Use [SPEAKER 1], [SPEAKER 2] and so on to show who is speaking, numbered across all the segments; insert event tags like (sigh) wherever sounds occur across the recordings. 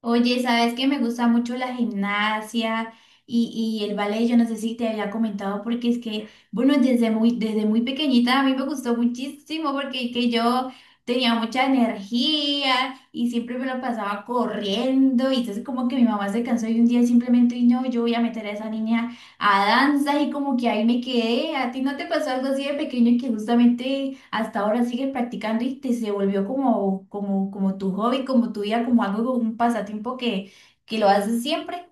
[SPEAKER 1] Oye, sabes que me gusta mucho la gimnasia y el ballet. Yo no sé si te había comentado porque es que, bueno, desde muy pequeñita a mí me gustó muchísimo porque es que yo tenía mucha energía y siempre me lo pasaba corriendo, y entonces como que mi mamá se cansó y un día simplemente, y no, yo voy a meter a esa niña a danza, y como que ahí me quedé. ¿A ti no te pasó algo así de pequeño, que justamente hasta ahora sigues practicando y te se volvió como, como tu hobby, como tu vida, como algo, como un pasatiempo que lo haces siempre?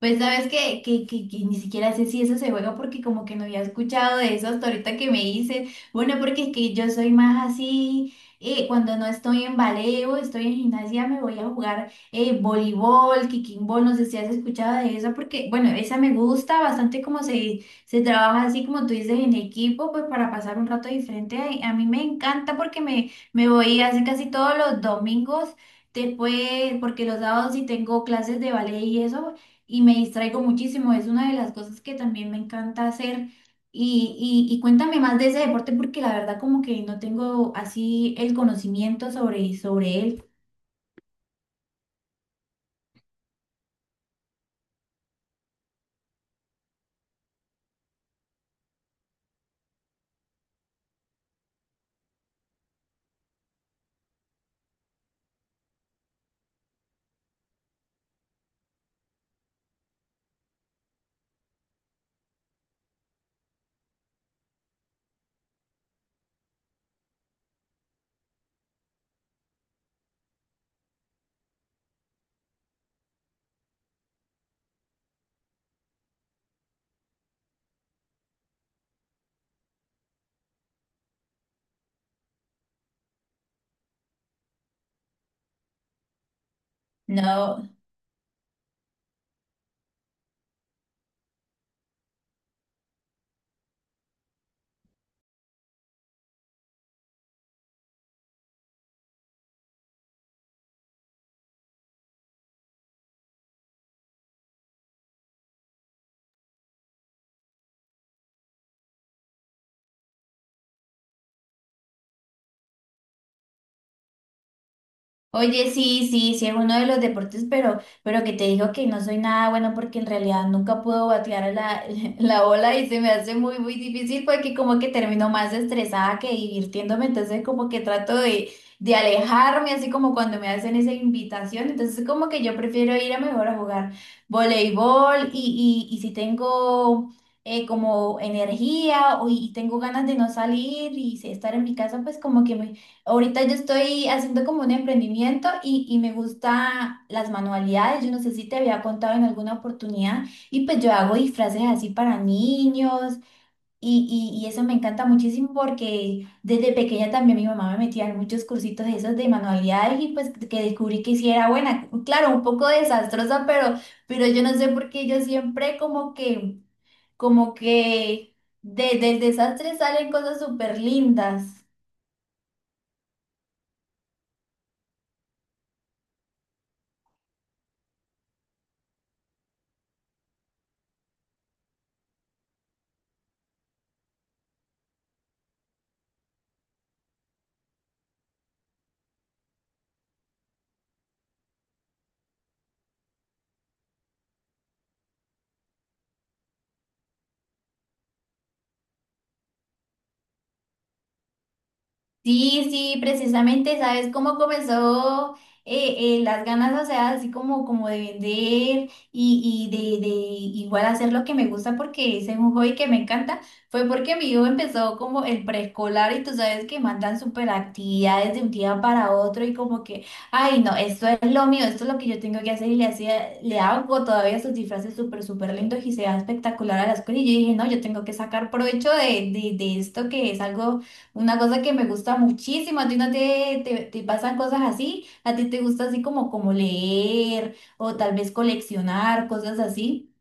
[SPEAKER 1] Pues sabes que, que ni siquiera sé si eso se juega, porque como que no había escuchado de eso hasta ahorita que me dices. Bueno, porque es que yo soy más así, cuando no estoy en ballet o estoy en gimnasia me voy a jugar voleibol, kicking ball, no sé si has escuchado de eso porque, bueno, esa me gusta bastante como se trabaja así como tú dices, en equipo, pues para pasar un rato diferente. A mí me encanta porque me voy así casi todos los domingos. Después, porque los sábados sí tengo clases de ballet y eso, y me distraigo muchísimo. Es una de las cosas que también me encanta hacer. Y cuéntame más de ese deporte, porque la verdad como que no tengo así el conocimiento sobre, sobre él. No. Oye, sí, sí, sí, es uno de los deportes, pero que te digo que no soy nada bueno, porque en realidad nunca puedo batear la, (laughs) la bola, y se me hace muy, muy difícil porque como que termino más estresada que divirtiéndome. Entonces como que trato de alejarme, así como cuando me hacen esa invitación. Entonces como que yo prefiero ir a mejor a jugar voleibol, y si tengo como energía o, y tengo ganas de no salir y sí estar en mi casa, pues como que me... Ahorita yo estoy haciendo como un emprendimiento, y me gusta las manualidades. Yo no sé si te había contado en alguna oportunidad. Y pues yo hago disfraces así para niños, y eso me encanta muchísimo, porque desde pequeña también mi mamá me metía en muchos cursitos de esos de manualidades, y pues que descubrí que sí era buena. Claro, un poco desastrosa, pero yo no sé por qué yo siempre como que del desastre salen cosas súper lindas. Sí, sí, precisamente, ¿sabes cómo comenzó las ganas, o sea, así como, como de vender y de igual hacer lo que me gusta, porque ese es un hobby que me encanta? Fue porque mi hijo empezó como el preescolar, y tú sabes que mandan súper actividades de un día para otro, y como que, ay, no, esto es lo mío, esto es lo que yo tengo que hacer. Y le hacía, le hago todavía sus disfraces súper, súper lindos, y se va espectacular a la escuela. Y yo dije, no, yo tengo que sacar provecho de, de esto, que es algo, una cosa que me gusta muchísimo. A ti no te, te, te pasan cosas así, a ti te gusta así como, como leer o tal vez coleccionar, cosas así.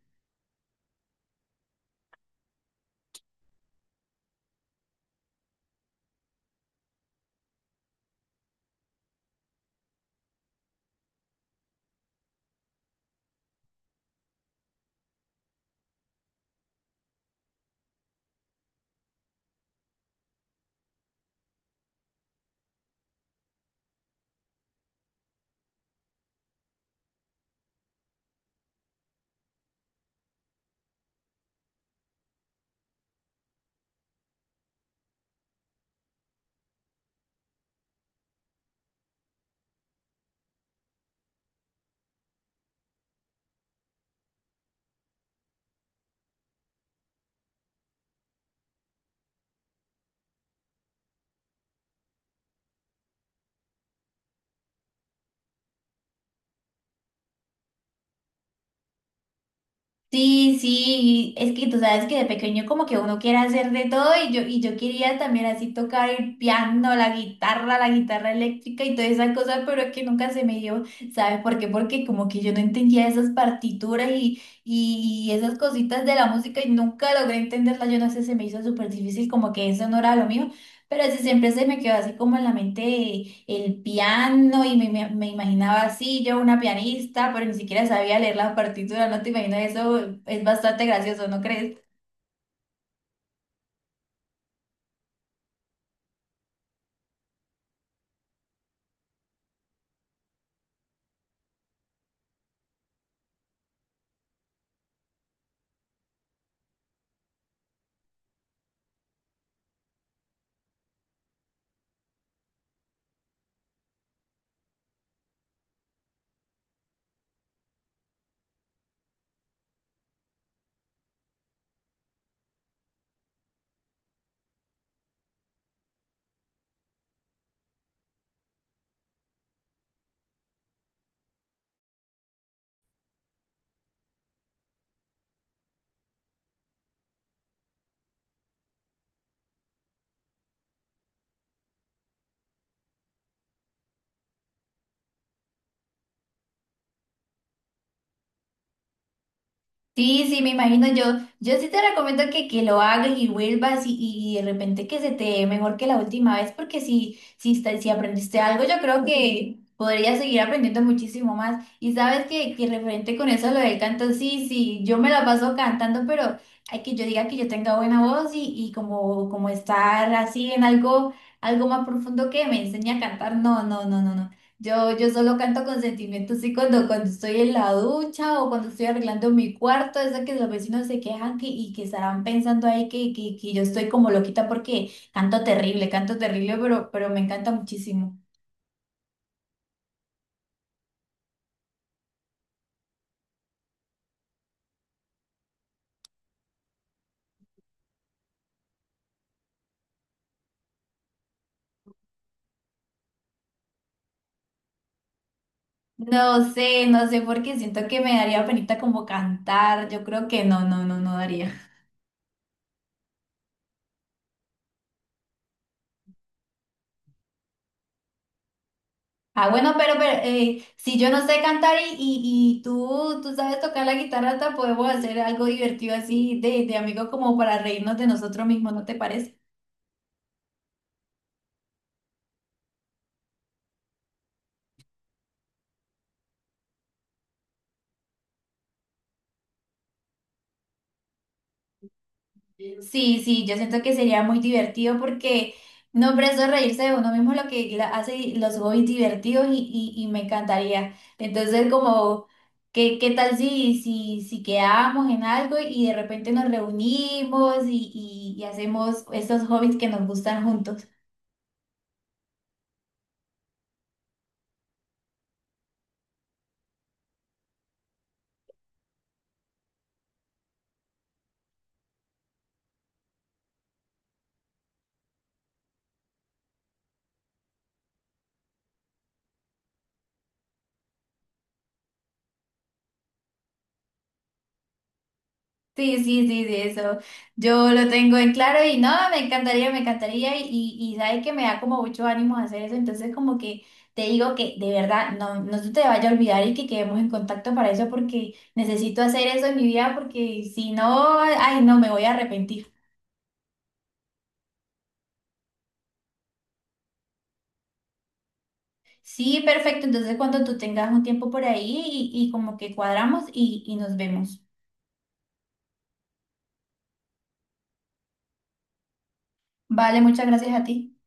[SPEAKER 1] Sí, sí, es que tú sabes que de pequeño como que uno quiere hacer de todo, y yo quería también así tocar el piano, la guitarra eléctrica y todas esas cosas, pero es que nunca se me dio. ¿Sabes por qué? Porque como que yo no entendía esas partituras y esas cositas de la música, y nunca logré entenderla, yo no sé, se me hizo súper difícil, como que eso no era lo mío. Pero sí siempre se me quedó así como en la mente el piano, y me, me imaginaba así, yo una pianista, pero ni siquiera sabía leer la partitura. No te imaginas, eso es bastante gracioso, ¿no crees? Sí, sí, me imagino. Yo sí te recomiendo que lo hagas y vuelvas, y de repente que se te dé mejor que la última vez, porque si, si, si aprendiste algo, yo creo que podrías seguir aprendiendo muchísimo más. Y sabes que referente con eso, lo del canto, sí, sí, yo me la paso cantando, pero hay que yo diga que yo tenga buena voz y como, como estar así en algo, algo más profundo que me enseñe a cantar. No, no, no, no, no. Yo solo canto con sentimientos, y cuando, cuando estoy en la ducha o cuando estoy arreglando mi cuarto, es de que los vecinos se quejan, que, y que estarán pensando ahí que yo estoy como loquita porque canto terrible, pero me encanta muchísimo. No sé, no sé porque siento que me daría penita como cantar, yo creo que no, no, no, no daría. Ah, bueno, pero si yo no sé cantar y, y tú, tú sabes tocar la guitarra, hasta podemos hacer algo divertido así de amigo, como para reírnos de nosotros mismos, ¿no te parece? Sí, sí, yo siento que sería muy divertido porque, no, hombre, eso es reírse de uno mismo lo que hace los hobbies divertidos, y me encantaría. Entonces, como, ¿qué, qué tal si, si quedamos en algo, y de repente nos reunimos, y hacemos estos hobbies que nos gustan juntos? Sí, sí, sí, sí, eso. Yo lo tengo en claro y no, me encantaría, me encantaría, y sabe que me da como mucho ánimo hacer eso. Entonces como que te digo que de verdad no, no se te vaya a olvidar, y que quedemos en contacto para eso, porque necesito hacer eso en mi vida porque si no, ay, no, me voy a arrepentir. Sí, perfecto. Entonces cuando tú tengas un tiempo por ahí, y como que cuadramos, y nos vemos. Vale, muchas gracias a ti.